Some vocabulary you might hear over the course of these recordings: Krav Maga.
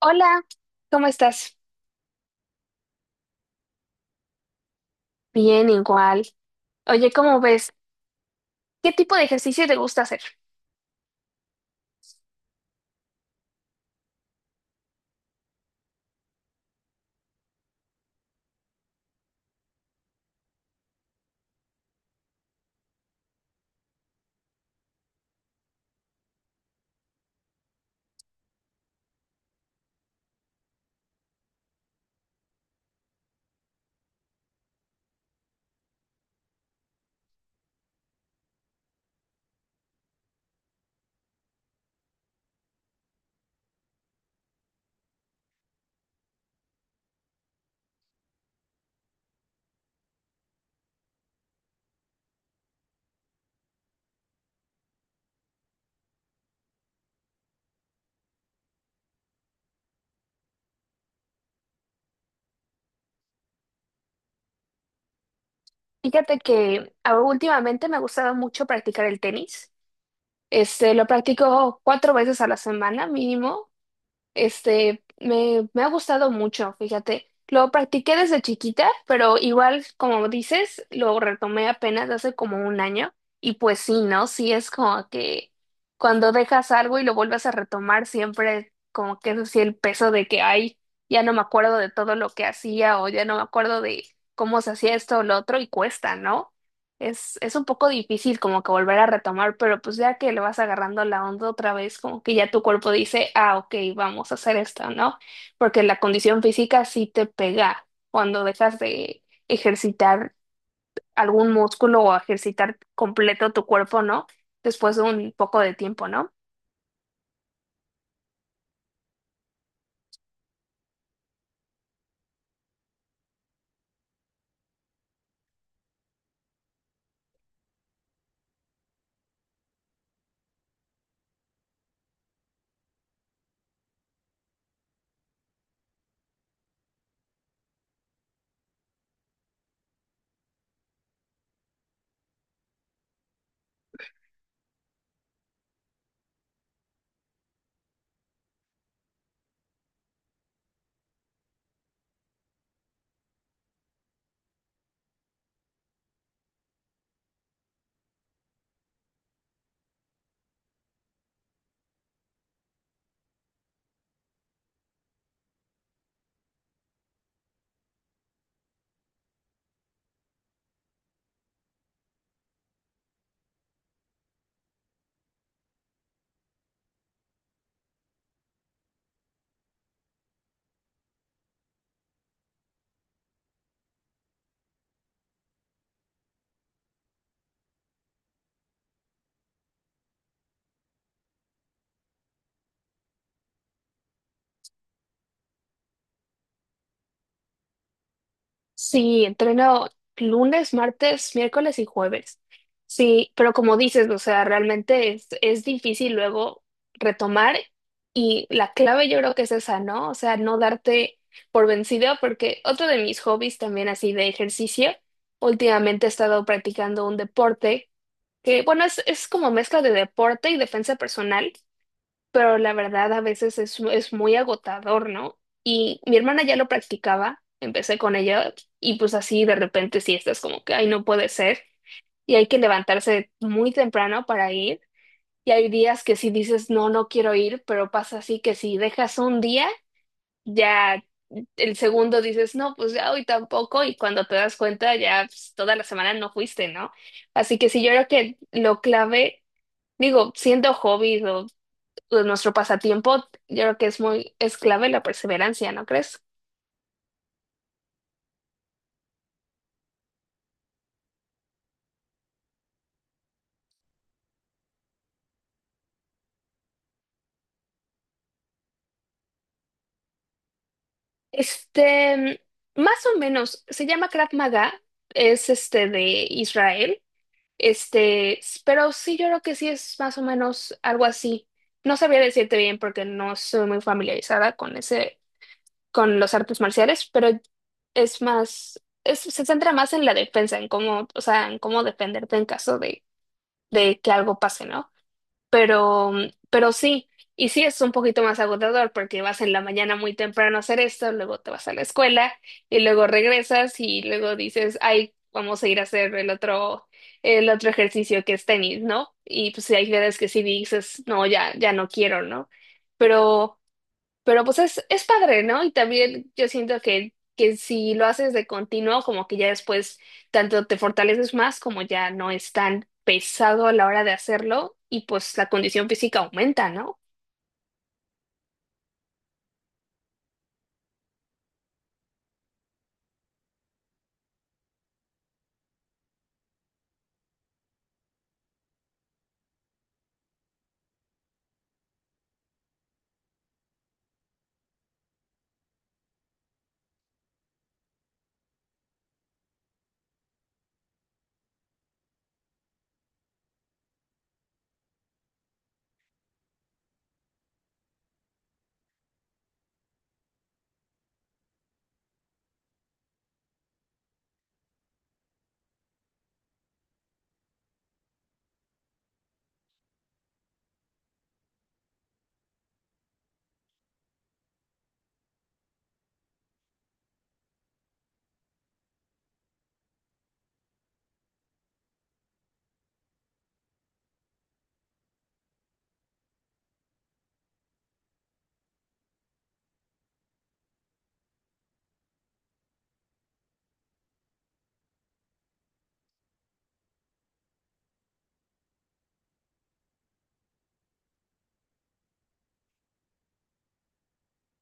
Hola, ¿cómo estás? Bien, igual. Oye, ¿cómo ves? ¿Qué tipo de ejercicio te gusta hacer? Fíjate que últimamente me ha gustado mucho practicar el tenis. Lo practico cuatro veces a la semana mínimo. Me ha gustado mucho, fíjate. Lo practiqué desde chiquita, pero igual, como dices, lo retomé apenas hace como un año. Y pues sí, ¿no? Sí es como que cuando dejas algo y lo vuelves a retomar, siempre como que es así el peso de que, ay, ya no me acuerdo de todo lo que hacía o ya no me acuerdo de cómo se hacía esto o lo otro y cuesta, ¿no? Es un poco difícil como que volver a retomar, pero pues ya que le vas agarrando la onda otra vez, como que ya tu cuerpo dice, ah, ok, vamos a hacer esto, ¿no? Porque la condición física sí te pega cuando dejas de ejercitar algún músculo o ejercitar completo tu cuerpo, ¿no? Después de un poco de tiempo, ¿no? Sí, entreno lunes, martes, miércoles y jueves. Sí, pero como dices, o sea, realmente es difícil luego retomar, y la clave yo creo que es esa, ¿no? O sea, no darte por vencido, porque otro de mis hobbies también así de ejercicio, últimamente he estado practicando un deporte que, bueno, es como mezcla de deporte y defensa personal, pero la verdad a veces es muy agotador, ¿no? Y mi hermana ya lo practicaba, empecé con ella, y pues así de repente sí estás como que, ay, no puede ser. Y hay que levantarse muy temprano para ir. Y hay días que sí dices, no, no quiero ir, pero pasa así que si dejas un día, ya el segundo dices, no, pues ya hoy tampoco. Y cuando te das cuenta, ya pues, toda la semana no fuiste, ¿no? Así que sí, yo creo que lo clave, digo, siendo hobby de nuestro pasatiempo, yo creo que es muy, es clave la perseverancia, ¿no crees? Este, más o menos, se llama Krav Maga, es este de Israel, pero sí, yo creo que sí es más o menos algo así. No sabía decirte bien porque no soy muy familiarizada con ese, con los artes marciales, pero es más, se centra más en la defensa, en cómo, o sea, en cómo defenderte en caso de que algo pase, ¿no? Pero, pero sí, y sí es un poquito más agotador porque vas en la mañana muy temprano a hacer esto, luego te vas a la escuela y luego regresas y luego dices, ay, vamos a ir a hacer el otro ejercicio que es tenis, ¿no? Y pues hay veces que sí dices, no, ya, ya no quiero, ¿no? Pero pero pues es padre, ¿no? Y también yo siento que si lo haces de continuo, como que ya después tanto te fortaleces más, como ya no es tan pesado a la hora de hacerlo, y pues la condición física aumenta, ¿no?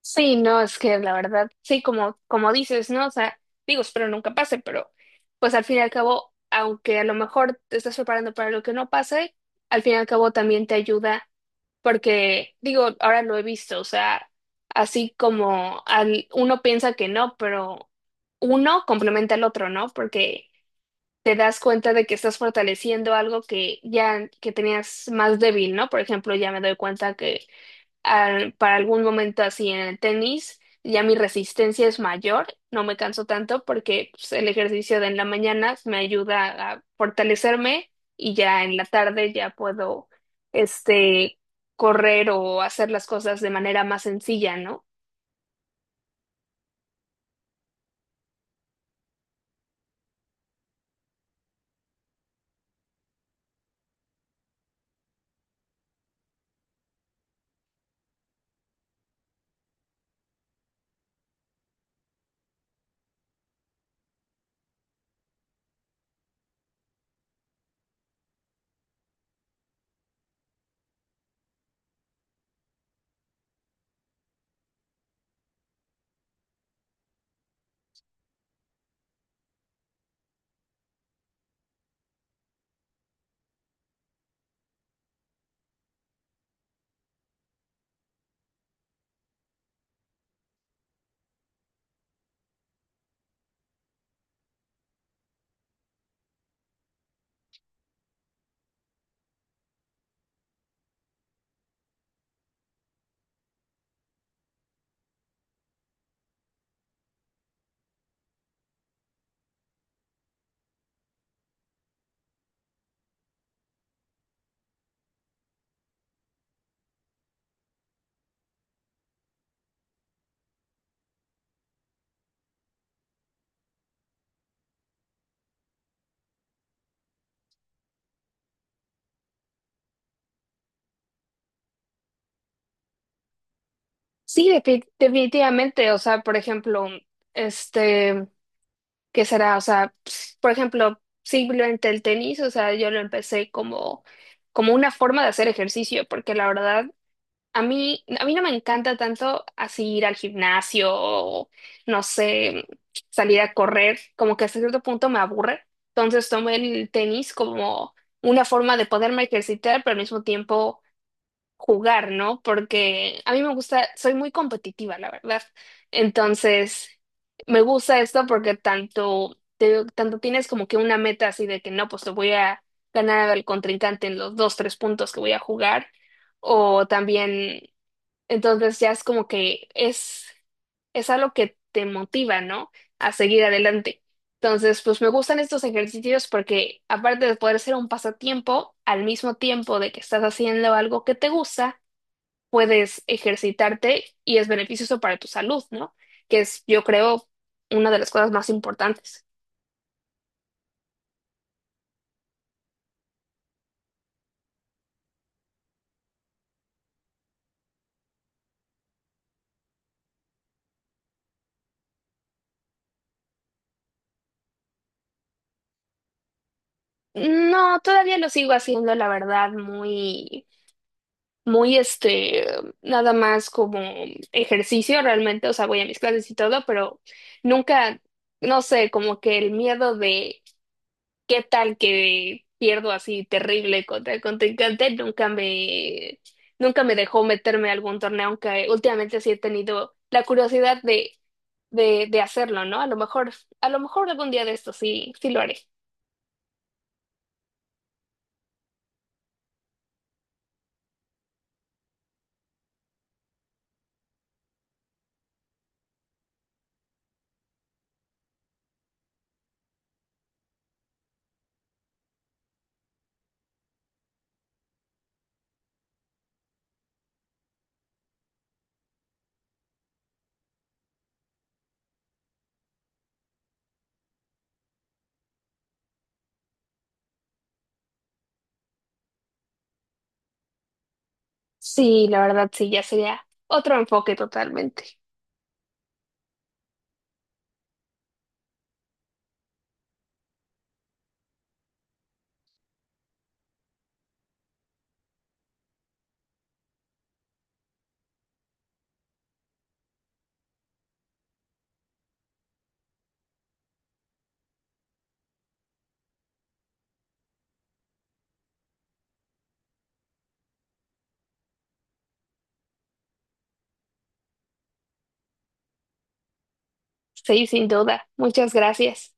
Sí, no, es que la verdad, sí, como, como dices, ¿no? O sea, digo, espero nunca pase, pero pues al fin y al cabo, aunque a lo mejor te estás preparando para lo que no pase, al fin y al cabo también te ayuda, porque digo, ahora lo he visto, o sea, así como al, uno piensa que no, pero uno complementa al otro, ¿no? Porque te das cuenta de que estás fortaleciendo algo que ya que tenías más débil, ¿no? Por ejemplo, ya me doy cuenta que para algún momento así en el tenis, ya mi resistencia es mayor, no me canso tanto porque pues, el ejercicio de en la mañana me ayuda a fortalecerme, y ya en la tarde ya puedo este correr o hacer las cosas de manera más sencilla, ¿no? Sí, definitivamente, o sea, por ejemplo, este, ¿qué será? O sea, por ejemplo, simplemente el tenis, o sea, yo lo empecé como una forma de hacer ejercicio, porque la verdad a mí, a mí no me encanta tanto así ir al gimnasio o, no sé, salir a correr, como que hasta cierto punto me aburre. Entonces tomé el tenis como una forma de poderme ejercitar, pero al mismo tiempo jugar, ¿no? Porque a mí me gusta, soy muy competitiva, la verdad. Entonces, me gusta esto porque tanto, tanto tienes como que una meta así de que no, pues te voy a ganar al contrincante en los dos, tres puntos que voy a jugar. O también entonces ya es como que es algo que te motiva, ¿no? A seguir adelante. Entonces, pues me gustan estos ejercicios porque aparte de poder ser un pasatiempo, al mismo tiempo de que estás haciendo algo que te gusta, puedes ejercitarte y es beneficioso para tu salud, ¿no? Que es, yo creo, una de las cosas más importantes. No, todavía lo sigo haciendo, la verdad, muy nada más como ejercicio realmente, o sea, voy a mis clases y todo, pero nunca, no sé, como que el miedo de qué tal que pierdo así terrible contra el contrincante, nunca me dejó meterme a algún torneo, aunque últimamente sí he tenido la curiosidad de hacerlo, ¿no? A lo mejor algún día de esto sí, sí lo haré. Sí, la verdad sí, ya sería otro enfoque totalmente. Sí, sin duda. Muchas gracias.